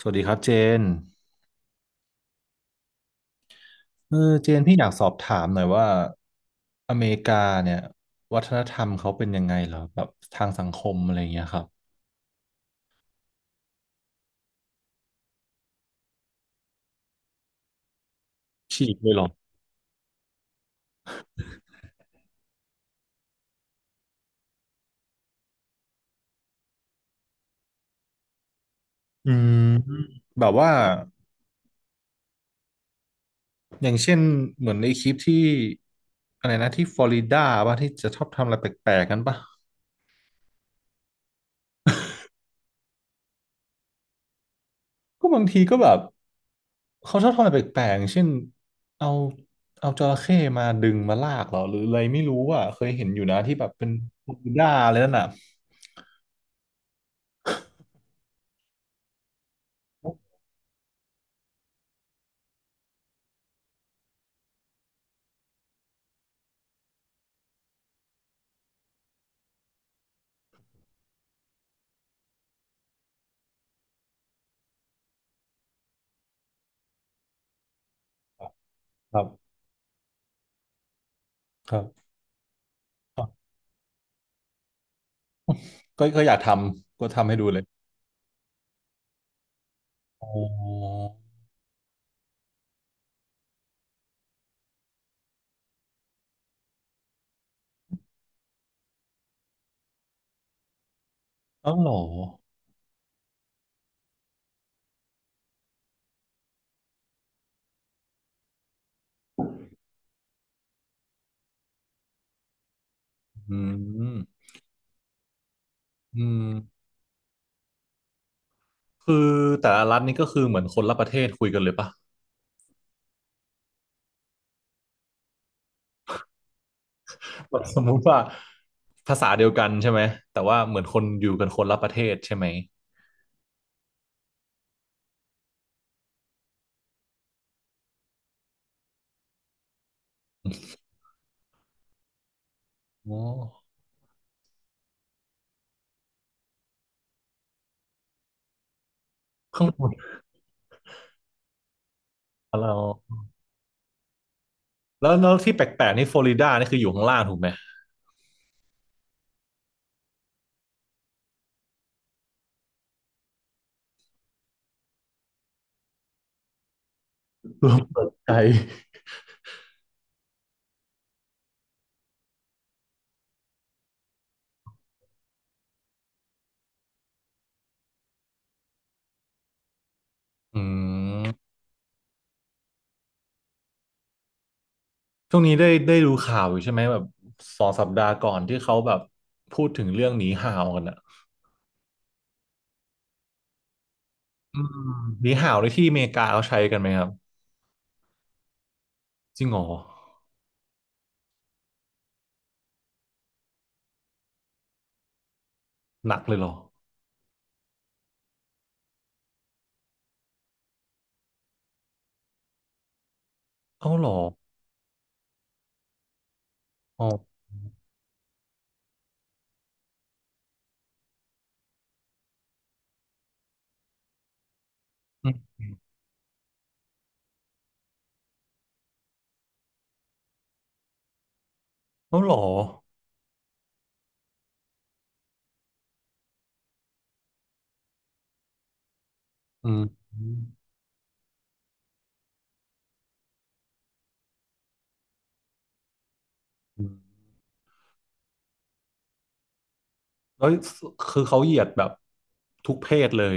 สวัสดีครับเจนเออเจนพี่อยากสอบถามหน่อยว่าอเมริกาเนี่ยวัฒนธรรมเขาเป็นยังไงเหรอแบบทางสังคมอะไรอย่างเงี้ยครับฉีกเลยเหรออืมแบบว่าอย่างเช่นเหมือนในคลิปที่อะไรนะที่ฟลอริดาป่ะที่จะชอบทำอะไรแปลกๆกันป่ะก็บางทีก็แบบเขาชอบทำอะไรแปลกๆอย่างเช่นเอาเอาจระเข้มาดึงมาลากเหรอหรืออะไรไม่รู้อ่ะเคยเห็นอยู่นะที่แบบเป็นฟลอริดาอะไรนั่นน่ะครับครับ ก็อยากทำก็ทำให้ดูเลยอ๋ออ้าวเหรออืมอืมคือแต่ละรัฐนี่ก็คือเหมือนคนละประเทศคุยกันเลยปะแบบสมมุติว่าภาษาเดียวกันใช่ไหมแต่ว่าเหมือนคนอยู่กันคนละประเทศใช่ไหมอ๋อข้างบนเราแล้วที่แปลกๆนี่ฟลอริดานี่คืออยู่ข้างล่างถูกไหมรวมเปิดใจอืมช่วงนี้ได้ดูข่าวอยู่ใช่ไหมแบบ2 สัปดาห์ก่อนที่เขาแบบพูดถึงเรื่องหนีห่าวกันอะ อืมหนีห่าวในที่อเมริกาเขาใช้กันไหมครับจริงเหรอหนักเลยเหรอเอ้าเหรออ๋ออืมเอ้าเหรออืมอืมอืมแล้วคือเขาเหยียดแบบทุกเพศเลย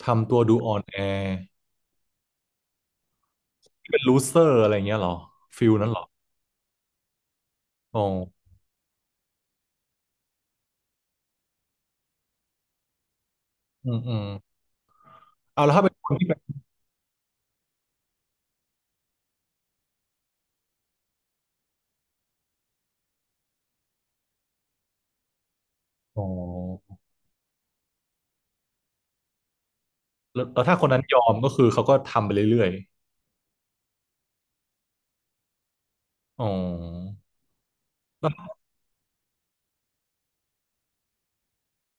ทำตัวดูอ่อนแอเป็นลูเซอร์อะไรอย่างเงี้ยเหรอฟิลนั้นเหรออ๋ออืมอืมเอาแล้วถ้าเป็นคนที่แบบอ๋อแล้วถ้าคนนั้นยอมก็คือเขาก็ทำไปเรื่อยๆอ๋อ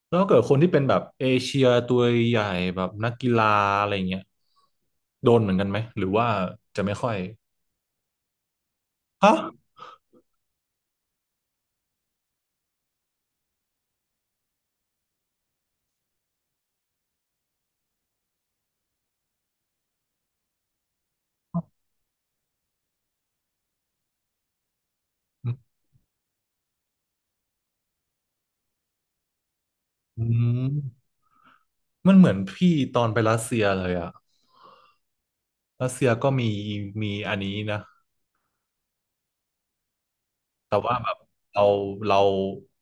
แล้วถ้าเกิดคนที่เป็นแบบเอเชียตัวใหญ่แบบนักกีฬาอะไรเงี้ยโดนเหมือนกันไหมหรือว่าจะไม่ค่อยฮะอืมมันเหมือนพี่ตอนไปรัสเซียเลยอะรัสเซียก็มีมีอันนี้นะแต่ว่าเราเรา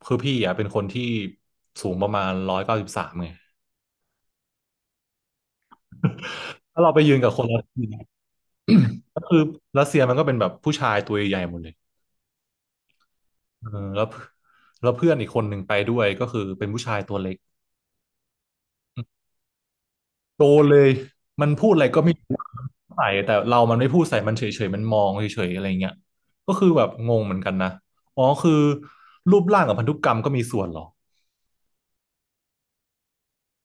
คือพี่อะเป็นคนที่สูงประมาณ193ไง ถ้าเราไปยืนกับคนรัสเซีย ก็คือรัสเซียมันก็เป็นแบบผู้ชายตัวใหญ่หมดเลยเออแล้วแล้วเพื่อนอีกคนหนึ่งไปด้วยก็คือเป็นผู้ชายตัวเล็ก โดนเลย มันพูดอะไรก็ไม่ใส่แต่เรามันไม่พูดใส่มันเฉยๆมันมองเฉยๆอะไรเงี้ยก็คือแบบงงเหมือนกันนะอ๋อคือรูปร่างกับพันธุกรรมก็มีส่วนเหรอ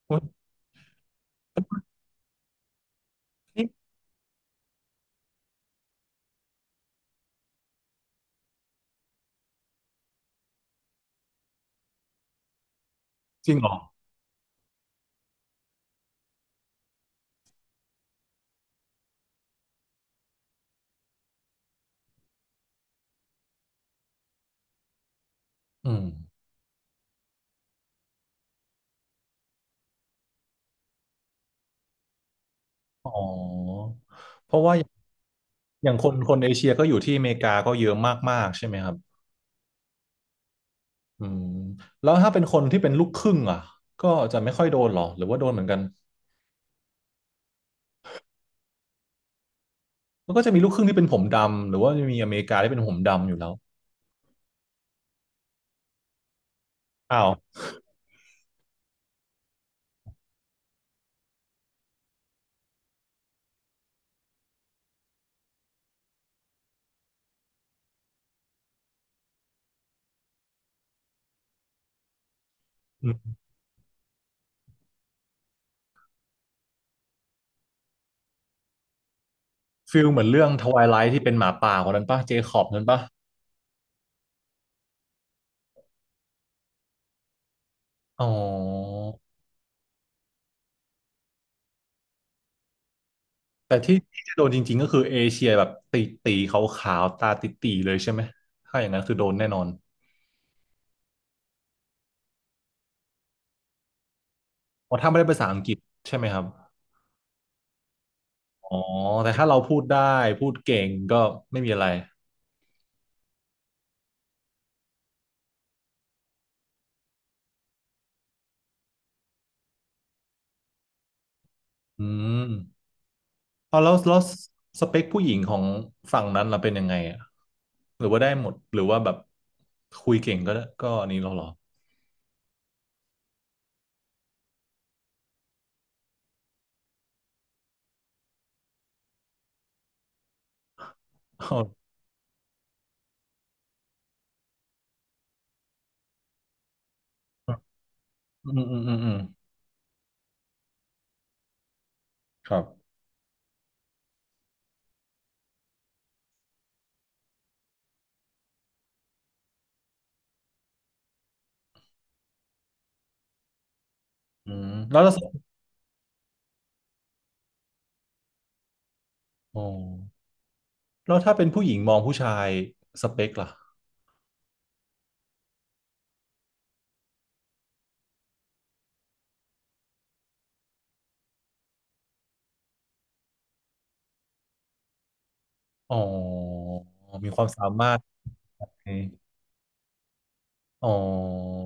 เฮ้ยนี่จริงเหรออืมอ๋อเพราะว่าอย่างคนคนเอเชียก็อยู่ที่อเมริกาก็เยอะมากๆใช่ไหมครับอืมแล้วถ้าเป็นคนที่เป็นลูกครึ่งอ่ะก็จะไม่ค่อยโดนเหรอ หรือว่าโดนเหมือนกันมันก็จะมีลูกครึ่งที่เป็นผมดำหรือว่าจะมีอเมริกาที่เป็นผมดำอยู่แล้วอ้าว ฟิลเหมือนเรื่องทวายไลท์ที่เป็นหมาป่าคนนั้นปะเจคอบนั้นปะอ๋อ แต่ที่ที่จะโดนจริงๆก็คือเอเชียแบบตีตีขาวๆตาติตีๆเลยใช่ไหมถ้าอย่างนั้นคือโดนแน่นอนเพราะถ้าไม่ได้ภาษาอังกฤษใช่ไหมครับอ๋อแต่ถ้าเราพูดได้พูดเก่งก็ไม่มีอะไรอืมเอาแล้วสเปคผู้หญิงของฝั่งนั้นเราเป็นยังไงอ่ะหรือว่าได้หมดหรือว่าแบบคุยเก่งก็อันนี้เราเหรออ๋ออืมอืมอืมอืมครับอืมแล้วเรา อ๋อแล้วถ้าเป็นผู้หญิงมองผู้ชายสเปคล่ะอ๋อมีความสามารถไหมอ๋อ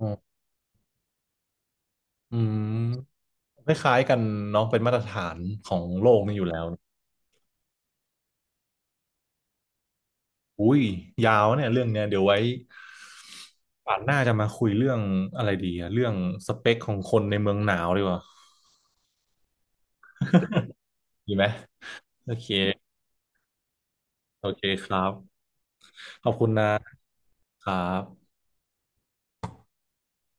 อ๋ออืมคล้ายๆกันเน้องเป็นมาตรฐานของโลกนี่อยู่แล้วอุ้ยยาวเนี่ยเรื่องเนี้ยเดี๋ยวไว้ป่านหน้าจะมาคุยเรื่องอะไรดีอะเรื่องสเปคของคนในเมืองหนาวดีกว่าดีไหมโอเคโอเคครับขอบคุณนะครับ